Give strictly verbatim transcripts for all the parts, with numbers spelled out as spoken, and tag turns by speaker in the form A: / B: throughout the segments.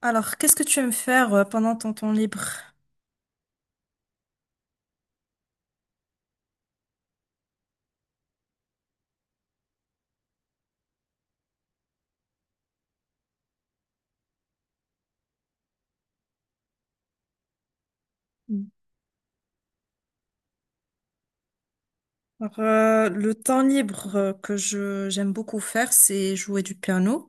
A: Alors, qu'est-ce que tu aimes faire euh, pendant ton temps libre? Mm. Alors, euh, le temps libre euh, que je j'aime beaucoup faire, c'est jouer du piano.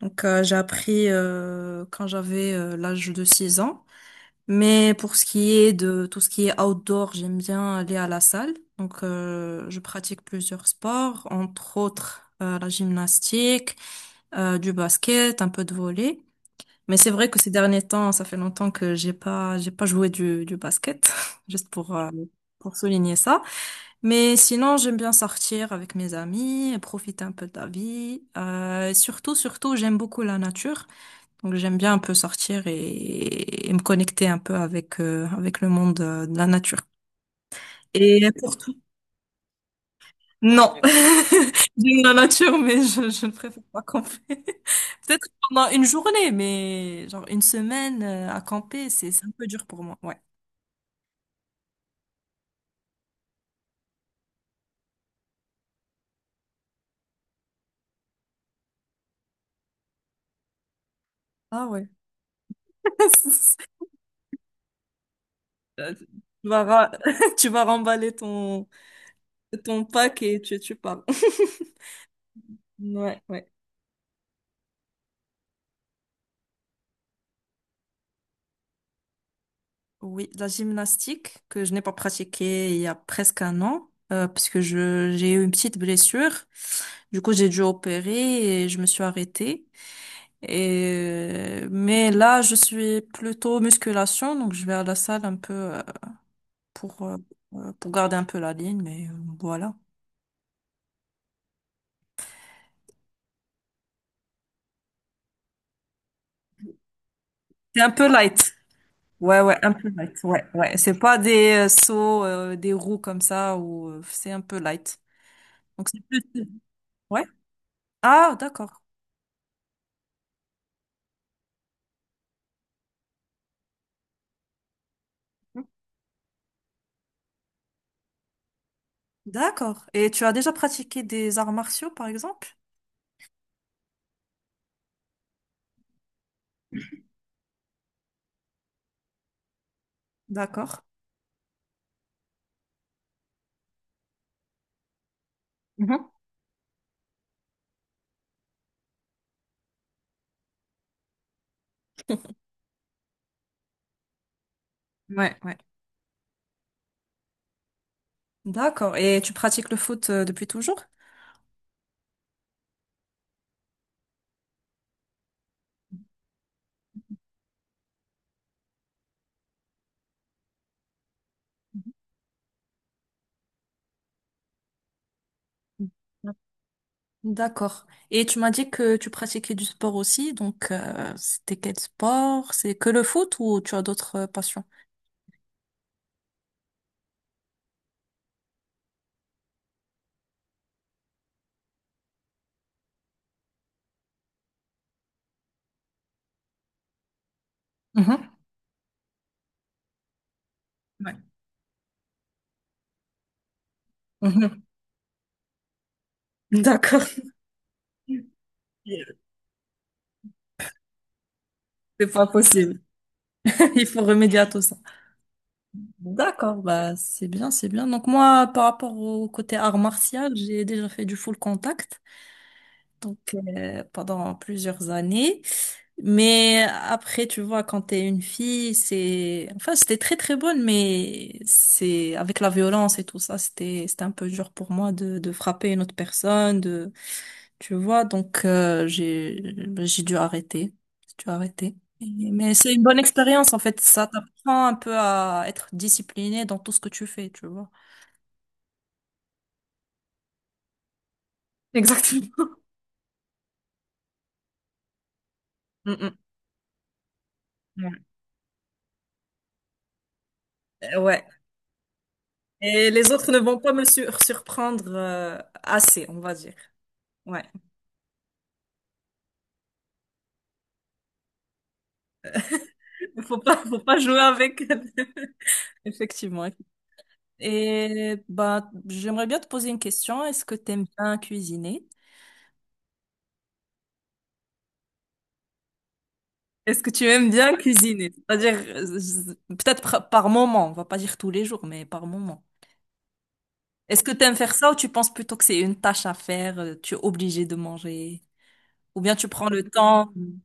A: Donc, euh, j'ai appris euh, quand j'avais euh, l'âge de six ans. Mais pour ce qui est de tout ce qui est outdoor, j'aime bien aller à la salle. Donc, euh, je pratique plusieurs sports, entre autres euh, la gymnastique, euh, du basket, un peu de volley. Mais c'est vrai que ces derniers temps, ça fait longtemps que j'ai pas, j'ai pas joué du, du basket, juste pour, euh, pour souligner ça. Mais sinon, j'aime bien sortir avec mes amis, profiter un peu de la vie. Euh, et surtout, surtout, j'aime beaucoup la nature. Donc, j'aime bien un peu sortir et, et me connecter un peu avec, euh, avec le monde euh, de la nature. Et pour Non, j'aime la nature, mais je, je ne préfère pas camper. Peut-être pendant une journée, mais genre une semaine euh, à camper, c'est c'est un peu dur pour moi. Ouais. Ah ouais. Euh, Tu vas, ra- tu vas remballer ton, ton pack et tu, tu pars. Ouais, ouais. Oui, la gymnastique que je n'ai pas pratiquée il y a presque un an, euh, parce que je, j'ai eu une petite blessure. Du coup, j'ai dû opérer et je me suis arrêtée. Et, euh, mais là, je suis plutôt musculation, donc je vais à la salle un peu euh, pour, euh, euh, pour garder un peu la ligne, mais euh, voilà. C'est un peu light. Ouais, ouais, un peu light. Ouais, ouais. C'est pas des euh, sauts, euh, des roues comme ça, ou euh, c'est un peu light. Donc c'est plus. Ouais. Ah, d'accord. D'accord. Et tu as déjà pratiqué des arts martiaux, par exemple? D'accord. Mhm. Ouais, ouais. D'accord. Et tu pratiques le foot euh, depuis toujours? D'accord. Et tu m'as dit que tu pratiquais du sport aussi, donc euh, c'était quel sport? C'est que le foot ou tu as d'autres euh, passions? Mhm. Ouais. Mhm. D'accord. C'est pas possible. Il faut remédier à tout ça. D'accord, bah c'est bien, c'est bien. Donc moi, par rapport au côté art martial, j'ai déjà fait du full contact, donc euh, pendant plusieurs années. Mais après, tu vois, quand t'es une fille, c'est, enfin, c'était très très bonne, mais c'est, avec la violence et tout ça, c'était, c'était un peu dur pour moi de, de frapper une autre personne, de, tu vois, donc, euh, j'ai, j'ai dû arrêter. J'ai dû arrêter. Et- Mais c'est une bonne expérience, en fait. Ça t'apprend un peu à être discipliné dans tout ce que tu fais, tu vois. Exactement. Mm, mm. Ouais. Ouais. Et les autres ne vont pas me sur- surprendre, euh, assez, on va dire. Ouais. Faut pas, faut pas jouer avec. Effectivement. Et bah, j'aimerais bien te poser une question. Est-ce que tu aimes bien cuisiner? Est-ce que tu aimes bien cuisiner? C'est-à-dire, euh, z- peut-être par par moment, on va pas dire tous les jours, mais par moment. Est-ce que tu aimes faire ça ou tu penses plutôt que c'est une tâche à faire, euh, tu es obligé de manger? Ou bien tu prends le temps?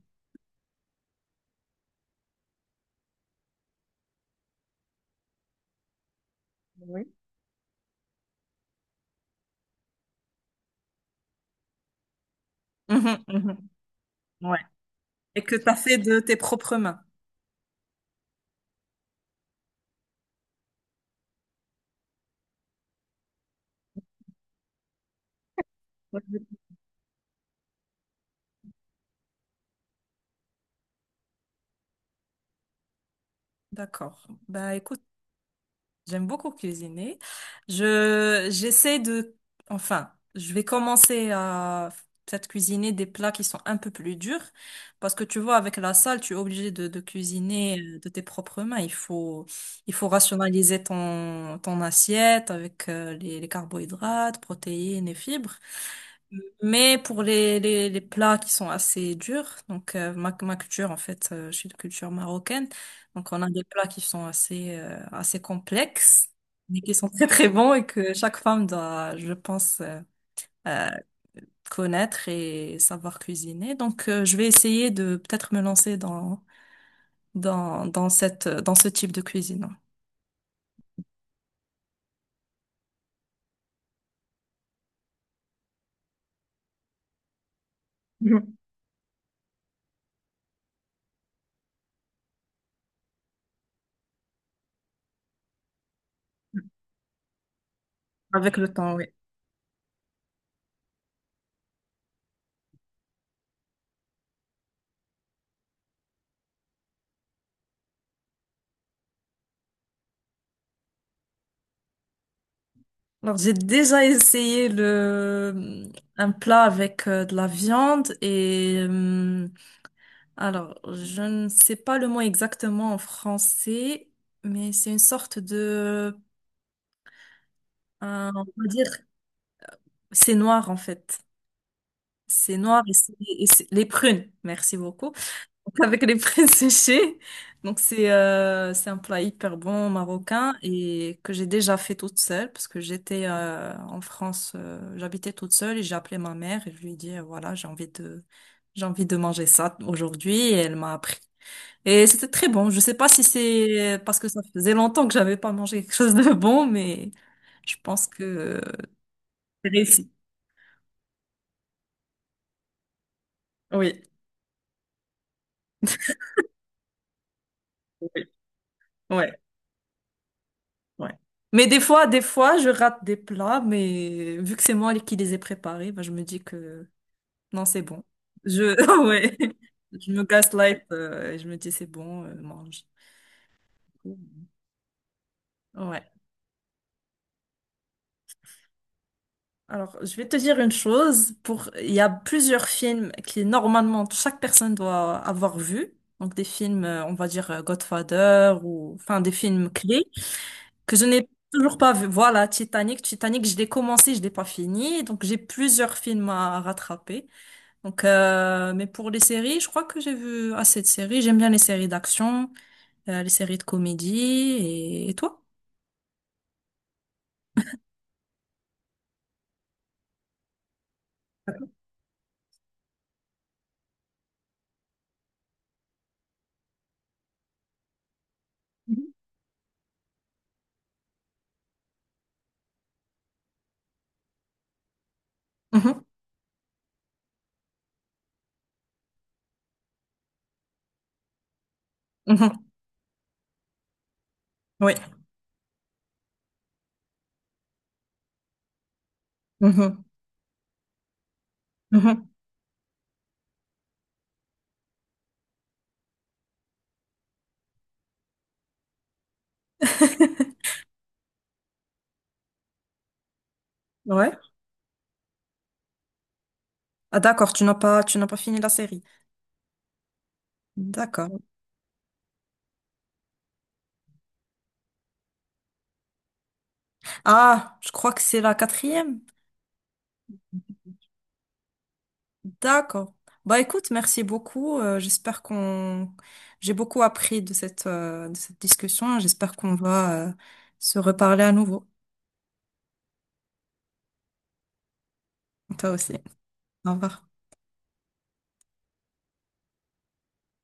A: Mhm, mhm, ouais. Et que t'as fait de tes propres mains. Ouais. D'accord. Bah écoute, j'aime beaucoup cuisiner. Je, j'essaie de, enfin, je vais commencer à peut-être cuisiner des plats qui sont un peu plus durs parce que tu vois, avec la salle, tu es obligé de, de cuisiner euh, de tes propres mains. Il faut, il faut rationaliser ton, ton assiette avec euh, les, les carbohydrates, protéines et fibres. Mais pour les, les, les plats qui sont assez durs, donc euh, ma, ma culture en fait, euh, je suis de culture marocaine, donc on a des plats qui sont assez euh, assez complexes, mais qui sont très très bons et que chaque femme doit, je pense, euh, euh, connaître et savoir cuisiner. Donc euh, je vais essayer de peut-être me lancer dans dans dans cette dans ce type de cuisine. Mhm. Avec le temps, oui. Alors, j'ai déjà essayé le, un plat avec euh, de la viande et euh, alors, je ne sais pas le mot exactement en français, mais c'est une sorte de, un- on va dire, c'est noir en fait. C'est noir et c'est et c'est- les prunes. Merci beaucoup. Donc, avec les prunes séchées. Donc c'est euh, c'est un plat hyper bon marocain et que j'ai déjà fait toute seule parce que j'étais euh, en France, euh, j'habitais toute seule et j'ai appelé ma mère et je lui ai dit euh, voilà, j'ai envie de j'ai envie de manger ça aujourd'hui et elle m'a appris. Et c'était très bon. Je sais pas si c'est parce que ça faisait longtemps que j'avais pas mangé quelque chose de bon, mais je pense que c'est réussi. Oui, oui, ouais, ouais. Mais des fois, des fois, je rate des plats, mais vu que c'est moi qui les ai préparés, bah, je me dis que non, c'est bon. Je, ouais, je me gaslight, euh, et je me dis c'est bon, euh, mange. Ouais. Alors, je vais te dire une chose. Pour, il y a plusieurs films qui, normalement, chaque personne doit avoir vu. Donc, des films, euh, on va dire, euh, Godfather ou, enfin, des films clés que je n'ai toujours pas vu. Voilà, Titanic. Titanic, je l'ai commencé, je l'ai pas fini. Donc, j'ai plusieurs films à rattraper. Donc, euh, mais pour les séries, je crois que j'ai vu assez de séries. J'aime bien les séries d'action, euh, les séries de comédie. Et, et toi? Mhm. Mhm. Mhm. Oui. Mhm. Mhm. Ouais. Ah d'accord, tu n'as pas, tu n'as pas fini la série. D'accord. Ah, je crois que c'est la quatrième. D'accord. Bah écoute, merci beaucoup. Euh, j'espère qu'on, j'ai beaucoup appris de cette, euh, de cette discussion. J'espère qu'on va, euh, se reparler à nouveau. Toi aussi. Au revoir.